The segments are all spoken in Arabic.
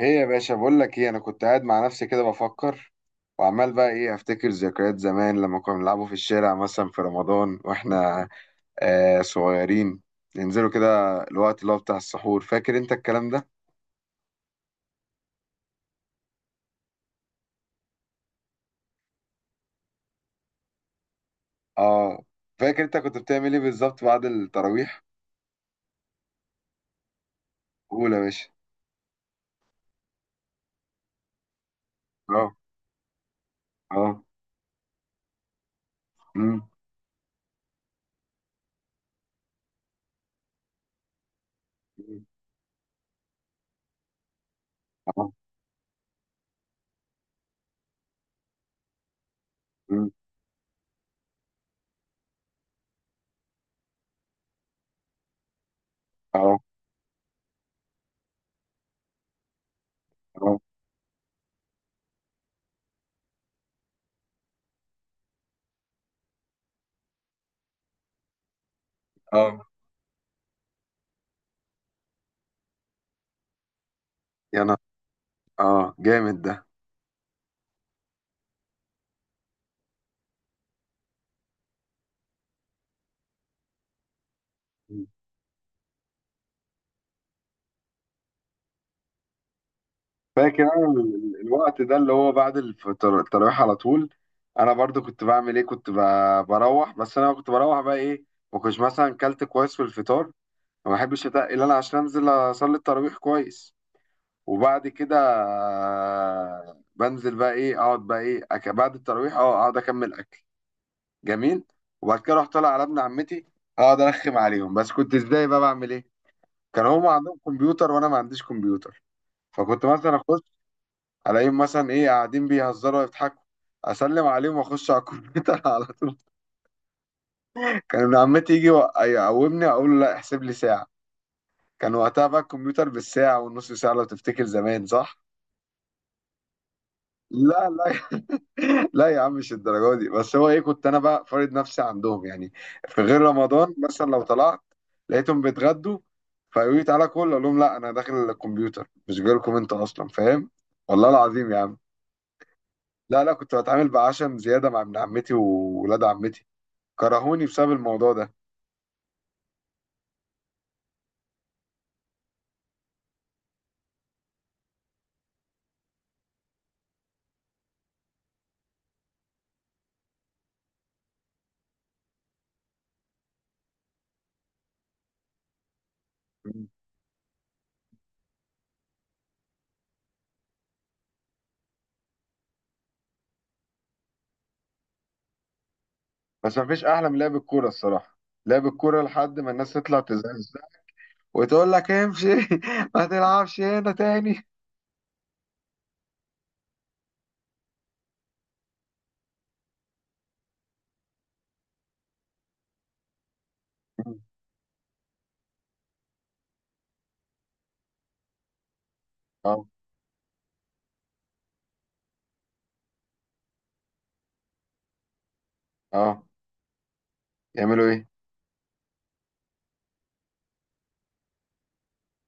ايه يا باشا، بقول لك ايه. انا كنت قاعد مع نفسي كده بفكر، وعمال بقى ايه، افتكر ذكريات زمان لما كنا بنلعبوا في الشارع مثلا في رمضان، واحنا صغيرين. ننزلوا كده الوقت اللي هو بتاع السحور. فاكر انت الكلام ده؟ اه. فاكر انت كنت بتعمل ايه بالظبط بعد التراويح؟ قول يا باشا. اه. اه. أمم. أمم. اه. أمم. اه. اه. اه. يا نهار. اه، جامد ده. فاكر انا الوقت ده اللي هو بعد التراويح على طول. انا برضو كنت بعمل ايه، كنت بروح. بس انا كنت بروح بقى ايه، ما كنتش مثلا كلت كويس في الفطار. ما بحبش اتقل انا عشان انزل اصلي التراويح كويس. وبعد كده بنزل بقى ايه، اقعد بقى ايه بعد التراويح اقعد اكمل اكل. جميل. وبعد كده رحت طالع على ابن عمتي، اقعد ارخم عليهم. بس كنت ازاي بقى بعمل ايه؟ كان هم عندهم كمبيوتر وانا ما عنديش كمبيوتر، فكنت مثلا اخش الاقيهم مثلا ايه قاعدين بيهزروا ويضحكوا، اسلم عليهم واخش على الكمبيوتر على طول. كان ابن عمتي يجي يقومني، اقول له لا، احسب لي ساعه. كان وقتها بقى الكمبيوتر بالساعه والنص ساعه، لو تفتكر زمان، صح؟ لا، لا، لا يا عم، مش الدرجه دي. بس هو ايه، كنت انا بقى فارض نفسي عندهم يعني. في غير رمضان مثلا لو طلعت لقيتهم بيتغدوا، فيقولوا لي تعالى كل، اقول لهم لا انا داخل الكمبيوتر، مش جايلكم انتوا اصلا، فاهم. والله العظيم يا عم. لا، لا، كنت بتعامل بعشم زياده مع ابن عمتي وولاد عمتي، كرهوني بسبب الموضوع ده. مم. بس مفيش احلى من لعب الكوره الصراحه. لعب الكوره لحد ما الناس تطلع تزعزع وتقول لك امشي ما تلعبش هنا تاني. مم. اه. اه، يعملوا ايه؟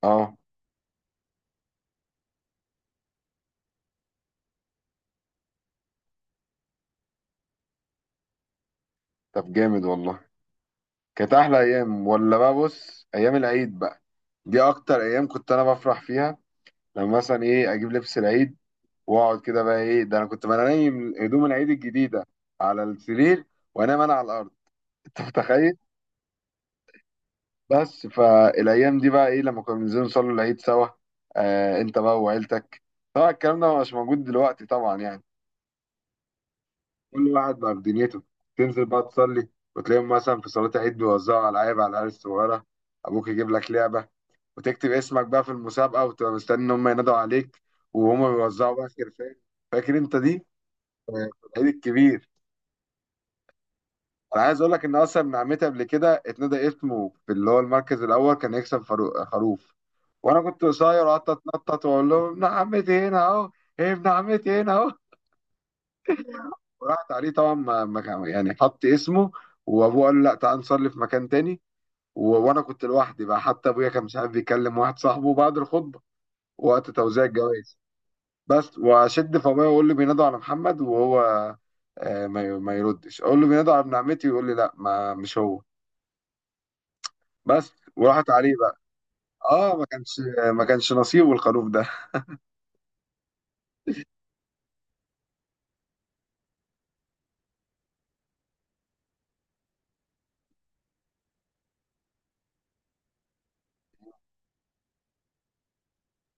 اه. طب جامد والله. كانت احلى ايام. ولا بقى بص، ايام العيد بقى، دي اكتر ايام كنت انا بفرح فيها. لما مثلا ايه اجيب لبس العيد، واقعد كده بقى ايه، ده انا كنت بنام هدوم العيد الجديده على السرير، وانام انا على الارض انت متخيل؟ بس فالايام دي بقى ايه، لما كنا بننزل نصلي العيد سوا انت بقى وعيلتك. طبعا الكلام ده مش موجود دلوقتي طبعا يعني، كل واحد بقى في دنيته. تنزل بقى تصلي، وتلاقيهم مثلا في صلاة العيد بيوزعوا ألعاب على العيال الصغيرة. أبوك يجيب لك لعبة، وتكتب اسمك بقى في المسابقة، وتبقى مستني إن هم ينادوا عليك، وهم بيوزعوا بقى خرفان. فاكر أنت دي؟ في العيد الكبير. أنا عايز أقول لك، إن أصلا من عمتي قبل كده اتنادى اسمه في اللي هو المركز الأول، كان يكسب خروف. وانا كنت قصير وقعدت اتنطط واقول لهم ابن عمتي هنا اهو، ايه، ابن عمتي هنا اهو. وراحت عليه طبعا. ما يعني حط اسمه، وابوه قال له لا، تعال نصلي في مكان تاني. وانا كنت لوحدي بقى، حتى ابويا كان مش عارف، بيكلم واحد صاحبه بعد الخطبه وقت توزيع الجوائز. بس واشد في ابويا واقول له بينادوا على محمد، وهو ما يردش. اقول له بينادوا على ابن عمتي، ويقول لي لا، ما مش هو. بس وراحت عليه بقى. اه، ما كانش نصيبه الخروف ده.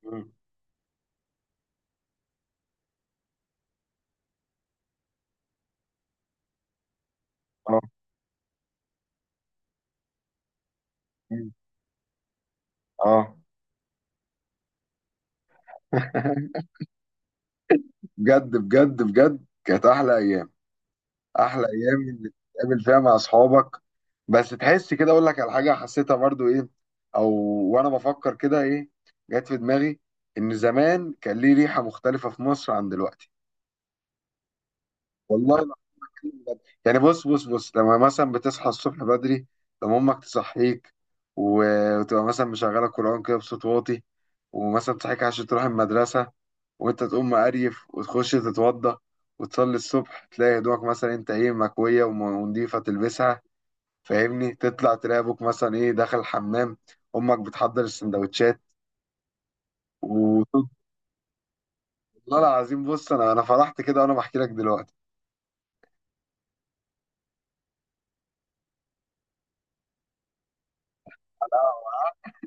مم. اه. مم. اه. بجد بجد بجد، كانت احلى ايام. احلى ايام اللي تقابل فيها مع اصحابك. بس تحس كده، اقول لك على حاجه حسيتها برضو ايه، او وانا بفكر كده ايه، جت في دماغي ان زمان كان ليه ريحه مختلفه في مصر عن دلوقتي. والله. يعني بص بص بص، لما مثلا بتصحى الصبح بدري، لما امك تصحيك، وتبقى مثلا مشغله قران كده بصوت واطي، ومثلا تصحيك عشان تروح المدرسه، وانت تقوم مقريف وتخش تتوضى وتصلي الصبح، تلاقي هدومك مثلا انت ايه مكويه ونضيفه تلبسها. فاهمني؟ تطلع تلاقي ابوك مثلا ايه داخل الحمام، امك بتحضر السندوتشات و. والله العظيم، بص انا فرحت كده وانا بحكي لك دلوقتي.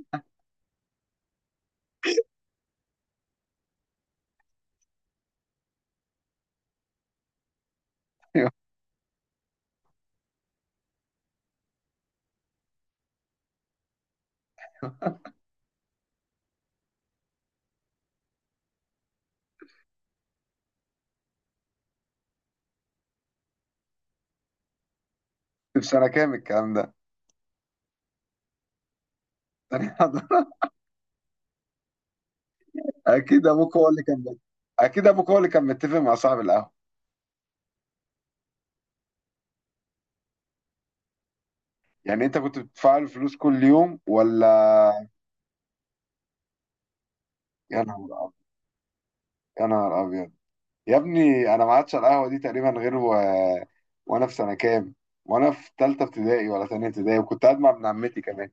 في سنه كام الكلام ده؟ اكيد ابوك هو اللي كان اكيد ابوك هو اللي كان متفق مع صاحب القهوه. يعني انت كنت بتدفع له فلوس كل يوم ولا؟ يا نهار ابيض. يا نهار ابيض. يا ابني انا ما عادش على القهوه دي تقريبا غير وانا في سنه كام، وانا في ثالثه ابتدائي ولا ثانيه ابتدائي، وكنت قاعد مع ابن عمتي كمان.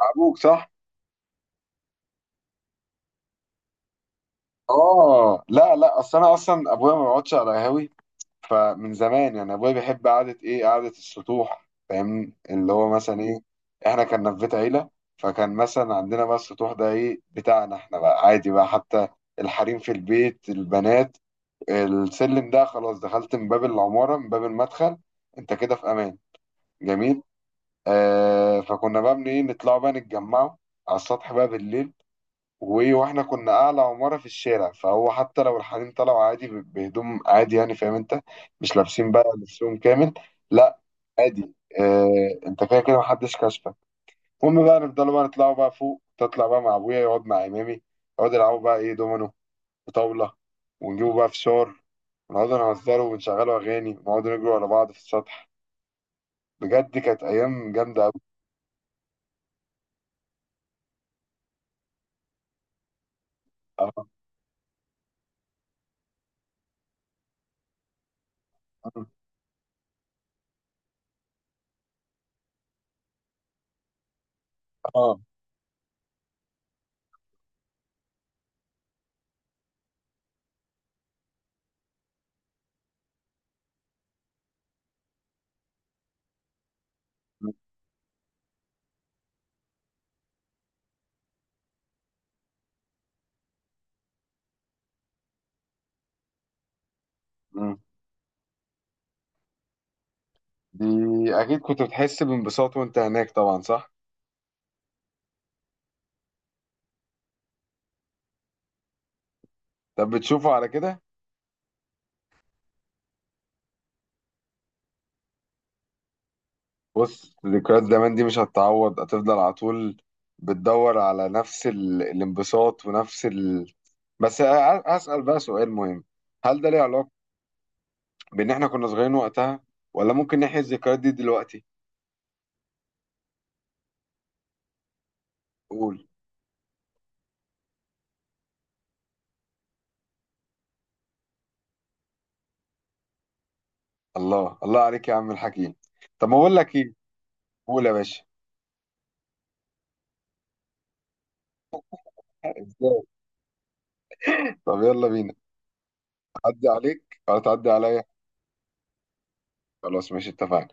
ابوك، صح. اه، لا، لا، اصل انا اصلا ابويا ما بيقعدش على قهاوي. فمن زمان يعني ابويا بيحب قعده ايه، قعده السطوح. فاهمني؟ اللي هو مثلا ايه، احنا كنا في بيت عيله، فكان مثلا عندنا بقى السطوح ده ايه بتاعنا احنا بقى عادي بقى، حتى الحريم في البيت، البنات، السلم ده خلاص، دخلت من باب العماره، من باب المدخل، انت كده في امان. جميل. فكنا بقى من ايه نطلع بقى نتجمعوا على السطح بقى بالليل. واحنا كنا اعلى عماره في الشارع، فهو حتى لو الحريم طلعوا عادي بهدوم عادي يعني، فاهم انت؟ مش لابسين بقى لبسهم كامل. لا، عادي. انت كده كده محدش كشفك. المهم بقى نفضلوا بقى نطلعوا بقى فوق، تطلع بقى مع ابويا يقعد مع امامي، يقعدوا يلعبوا بقى ايه دومينو وطاوله، ونجيبوا بقى فشار، ونقعدوا نهزروا ونشغلوا اغاني، ونقعدوا نجروا على بعض في السطح. بجد كانت ايام جامده قوي. اه. اه. آه. دي اكيد كنت بتحس بانبساط وانت هناك طبعا، صح؟ طب بتشوفه على كده؟ بص، ذكريات زمان دي مش هتتعوض، هتفضل على طول. بتدور على نفس الانبساط، ونفس بس أسأل بقى سؤال مهم. هل ده ليه علاقة بإن إحنا كنا صغيرين وقتها، ولا ممكن نحيي الذكريات دي دلوقتي؟ قول. الله الله عليك يا عم الحكيم. طب ما أقول لك إيه؟ قول يا باشا. إزاي؟ طب يلا بينا. عدي عليك ولا تعدي عليا؟ خلاص، ماشي، اتفقنا.